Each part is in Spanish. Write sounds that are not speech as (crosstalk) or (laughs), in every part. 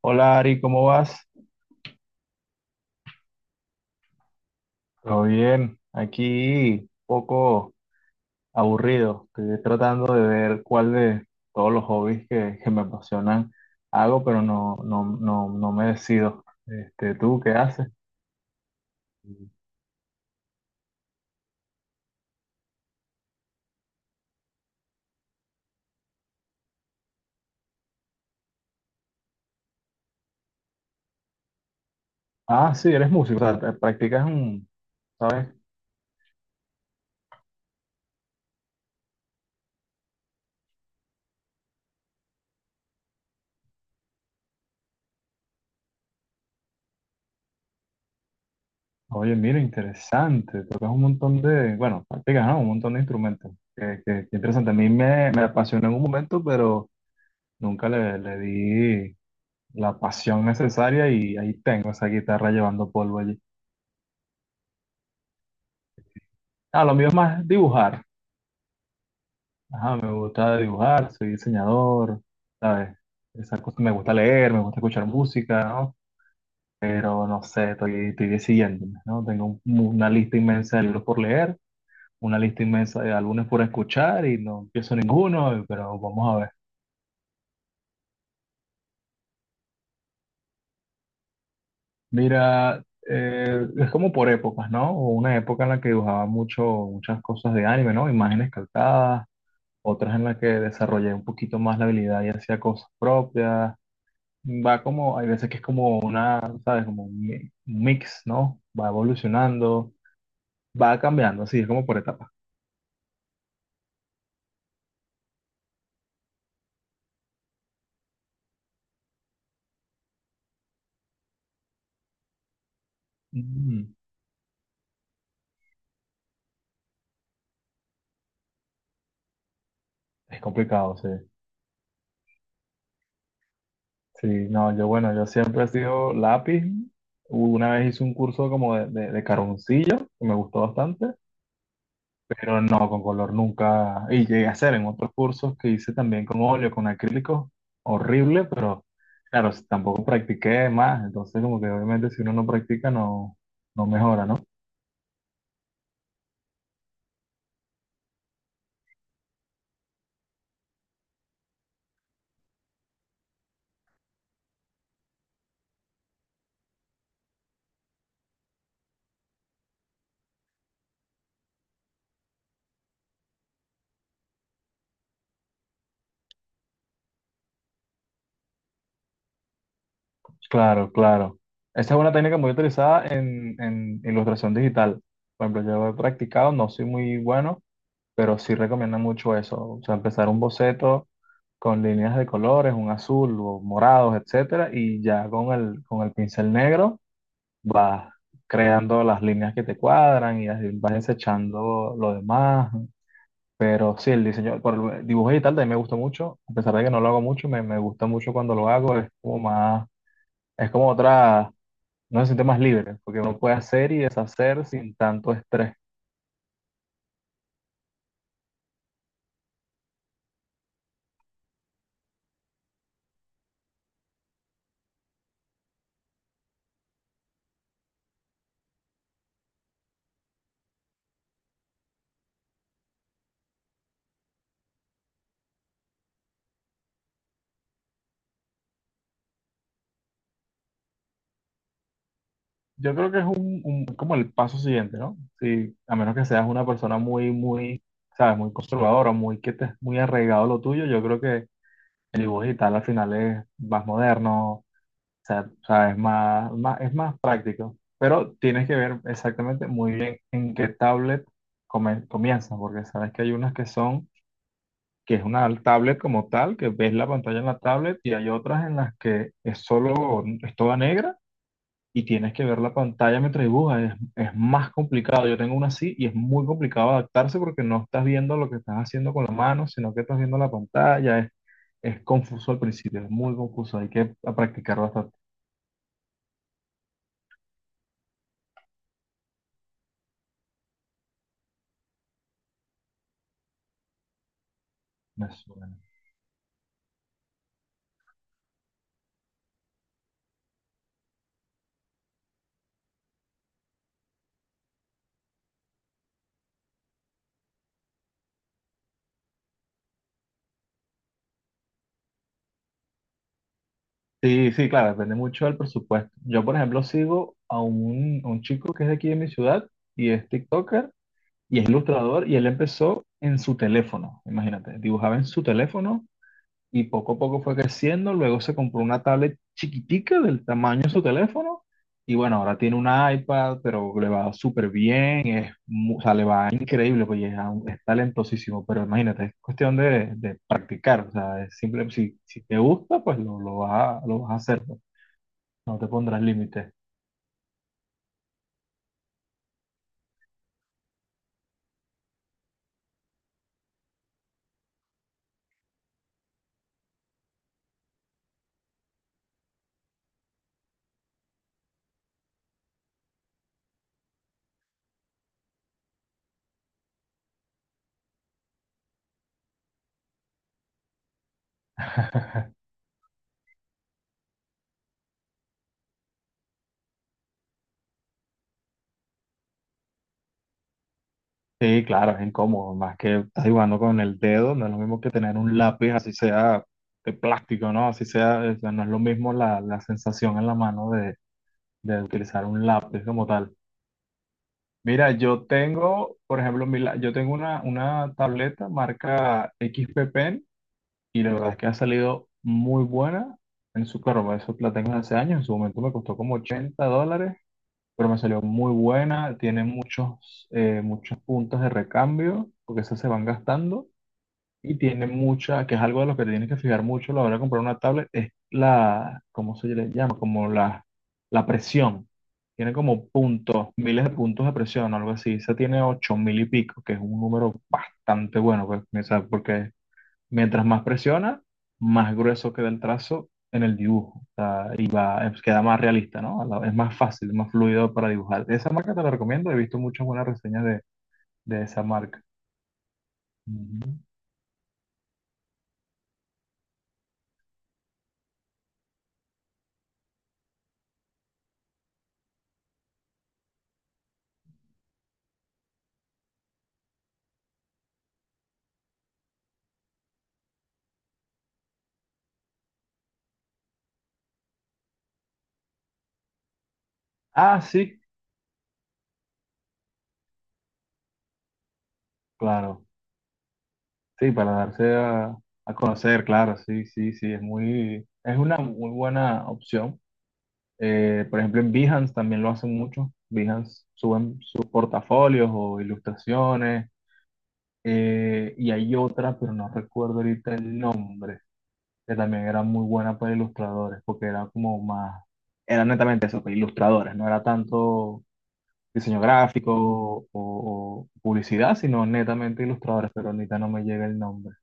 Hola Ari, ¿cómo vas? Todo bien, aquí poco aburrido. Estoy tratando de ver cuál de todos los hobbies que me apasionan hago, pero no me decido. Este, ¿tú qué haces? Ah, sí, eres músico, o sea, practicas un, ¿sabes? Oye, mira, interesante, tocas un montón de, bueno, practicas, ¿no? Un montón de instrumentos. Que interesante, a mí me apasionó en un momento, pero nunca le di la pasión necesaria y ahí tengo esa guitarra llevando polvo allí. Ah, lo mío es más dibujar. Ajá, me gusta dibujar, soy diseñador, ¿sabes? Esa cosa, me gusta leer, me gusta escuchar música, ¿no? Pero no sé, estoy decidiéndome, ¿no? Tengo una lista inmensa de libros por leer, una lista inmensa de álbumes por escuchar y no empiezo ninguno, pero vamos a ver. Mira, es como por épocas, ¿no? Hubo una época en la que dibujaba mucho, muchas cosas de anime, ¿no? Imágenes calcadas, otras en las que desarrollé un poquito más la habilidad y hacía cosas propias. Va como, hay veces que es como una, ¿sabes? Como un un mix, ¿no? Va evolucionando, va cambiando, así es como por etapas. Mm, es complicado, sí. Sí, no, yo bueno, yo siempre he sido lápiz. Una vez hice un curso como de carboncillo, que me gustó bastante. Pero no, con color nunca. Y llegué a hacer en otros cursos que hice también con óleo, con acrílico, horrible, pero claro, tampoco practiqué más, entonces como que obviamente si uno no practica no, no mejora, ¿no? Claro, claro. Esa es una técnica muy utilizada en ilustración digital. Por ejemplo, yo he practicado, no soy muy bueno, pero sí recomiendo mucho eso. O sea, empezar un boceto con líneas de colores, un azul o morados, etcétera, y ya con con el pincel negro vas creando las líneas que te cuadran y así vas desechando lo demás. Pero sí, el diseño, por el dibujo digital también me gusta mucho, a pesar de que no lo hago mucho, me gusta mucho cuando lo hago, es como más, es como otra, no se siente más libre, porque uno puede hacer y deshacer sin tanto estrés. Yo creo que es un, como el paso siguiente, ¿no? Si, a menos que seas una persona muy, sabes, muy conservadora, muy que te muy arraigado a lo tuyo, yo creo que el dibujo digital al final es más moderno. O sea, es más, es más práctico, pero tienes que ver exactamente muy bien en qué tablet comienzas, porque sabes que hay unas que son, que es una tablet como tal, que ves la pantalla en la tablet, y hay otras en las que es solo, es toda negra, y tienes que ver la pantalla mientras dibujas, es más complicado. Yo tengo una así y es muy complicado adaptarse porque no estás viendo lo que estás haciendo con la mano, sino que estás viendo la pantalla, es confuso al principio, es muy confuso, hay que practicar bastante. Me suena. Sí, sí, claro, depende mucho del presupuesto. Yo, por ejemplo, sigo a un chico que es de aquí de mi ciudad y es TikToker y es ilustrador y él empezó en su teléfono, imagínate, dibujaba en su teléfono y poco a poco fue creciendo, luego se compró una tablet chiquitica del tamaño de su teléfono y bueno, ahora tiene un iPad, pero le va súper bien, es, o sea, le va increíble, pues y es, es talentosísimo, pero imagínate, es cuestión de practicar, o sea, es simple, si, si te gusta, pues lo vas a hacer, pues. No te pondrás límite. (laughs) Sí, claro, es incómodo, más que estás jugando con el dedo, no es lo mismo que tener un lápiz, así sea de plástico, ¿no? Así sea, o sea, no es lo mismo la, la sensación en la mano de utilizar un lápiz como tal. Mira, yo tengo, por ejemplo, yo tengo una tableta marca XP Pen y la verdad es que ha salido muy buena en su, claro, eso la tengo desde hace años, en su momento me costó como $80, pero me salió muy buena, tiene muchos, muchos puntos de recambio, porque esas se van gastando, y tiene mucha, que es algo de lo que te tienes que fijar mucho a la hora de comprar una tablet, es la, ¿cómo se le llama? Como la presión. Tiene como puntos, miles de puntos de presión, algo así. Esa tiene ocho mil y pico, que es un número bastante bueno, pues, o sea, porque mientras más presiona, más grueso queda el trazo en el dibujo. O sea, y va, queda más realista, ¿no? Es más fácil, más fluido para dibujar. Esa marca te la recomiendo. He visto muchas buenas reseñas de esa marca. Ujú. Ah, sí, claro. Sí, para darse a conocer, claro. Sí, sí, sí. Es muy, es una muy buena opción. Por ejemplo, en Behance también lo hacen mucho. Behance suben sus portafolios o ilustraciones, y hay otra, pero no recuerdo ahorita el nombre, que también era muy buena para ilustradores, porque era como más, era netamente eso, pues, ilustradores, no era tanto diseño gráfico o publicidad, sino netamente ilustradores, pero ahorita no me llega el nombre.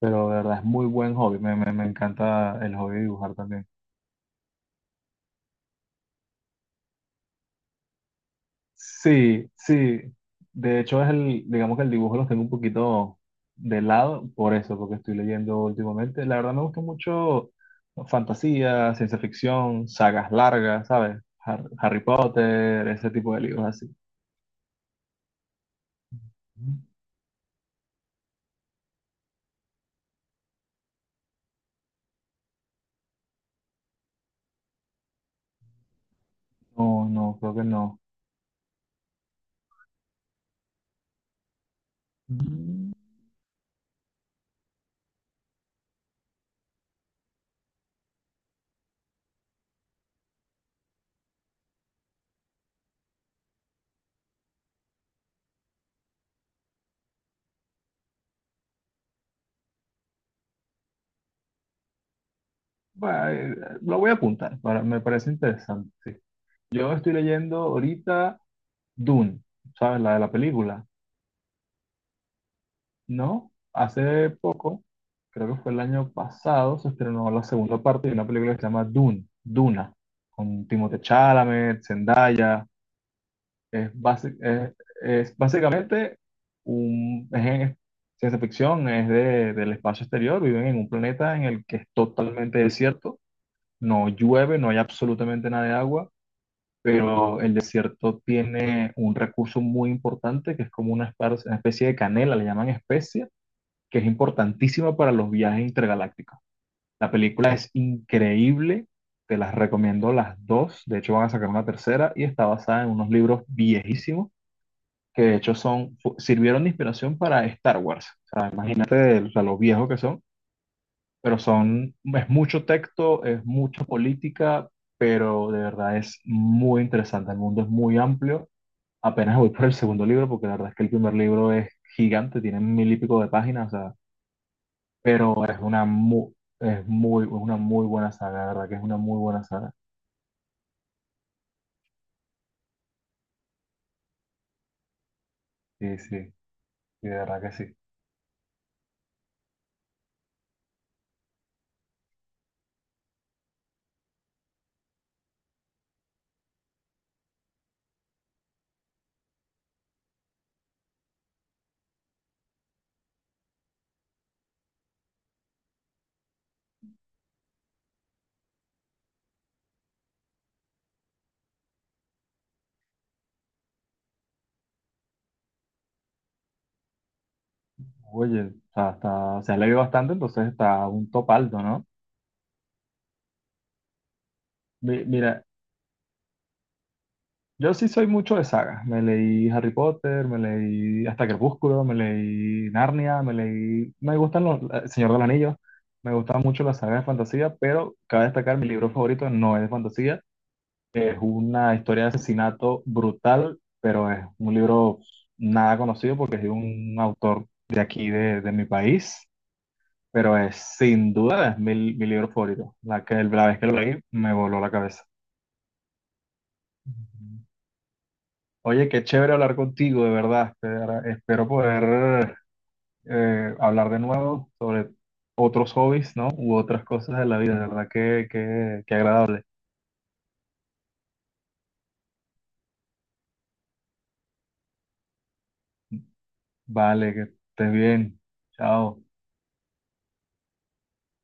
Pero de verdad es muy buen hobby, me encanta el hobby de dibujar también. Sí, sí. De hecho, es el, digamos que el dibujo los tengo un poquito de lado por eso, porque estoy leyendo últimamente. La verdad me gusta mucho fantasía, ciencia ficción, sagas largas, ¿sabes? Harry Potter, ese tipo de libros así. No, no, creo que no. Mm. Bueno, lo voy a apuntar, me parece interesante. Sí. Yo estoy leyendo ahorita Dune, ¿sabes? La de la película. No, hace poco, creo que fue el año pasado, se estrenó la segunda parte de una película que se llama Dune, Duna, con Timothée Chalamet, Zendaya. Es, es básicamente un, ciencia ficción, es del espacio exterior, viven en un planeta en el que es totalmente desierto, no llueve, no hay absolutamente nada de agua, pero el desierto tiene un recurso muy importante que es como una especie de canela, le llaman especia, que es importantísima para los viajes intergalácticos. La película es increíble, te las recomiendo las dos, de hecho van a sacar una tercera y está basada en unos libros viejísimos que de hecho son, sirvieron de inspiración para Star Wars. O sea, imagínate, o sea, lo viejos que son, pero son, es mucho texto, es mucha política, pero de verdad es muy interesante, el mundo es muy amplio. Apenas voy por el segundo libro porque la verdad es que el primer libro es gigante, tiene mil y pico de páginas, o sea, pero es una muy, es muy, una muy buena saga, de verdad que es una muy buena saga. Sí, sí, sí, de verdad que sí. Oye, o sea, está, se ha leído bastante, entonces está un top alto, ¿no? Mira, yo sí soy mucho de sagas. Me leí Harry Potter, me leí hasta Crepúsculo, me leí Narnia, me leí... Me gustan los... El Señor de los Anillos, me gustan mucho las sagas de fantasía, pero cabe destacar, mi libro favorito no es de fantasía. Es una historia de asesinato brutal, pero es un libro nada conocido porque es de un autor de aquí, de mi país, pero es sin duda es mi, mi libro favorito. La vez que lo leí me voló la cabeza. Ujú. Oye, qué chévere hablar contigo, de verdad. Espero poder hablar de nuevo sobre otros hobbies, ¿no? U otras cosas de la vida, de verdad que, que agradable. Vale, que estés bien. Chao.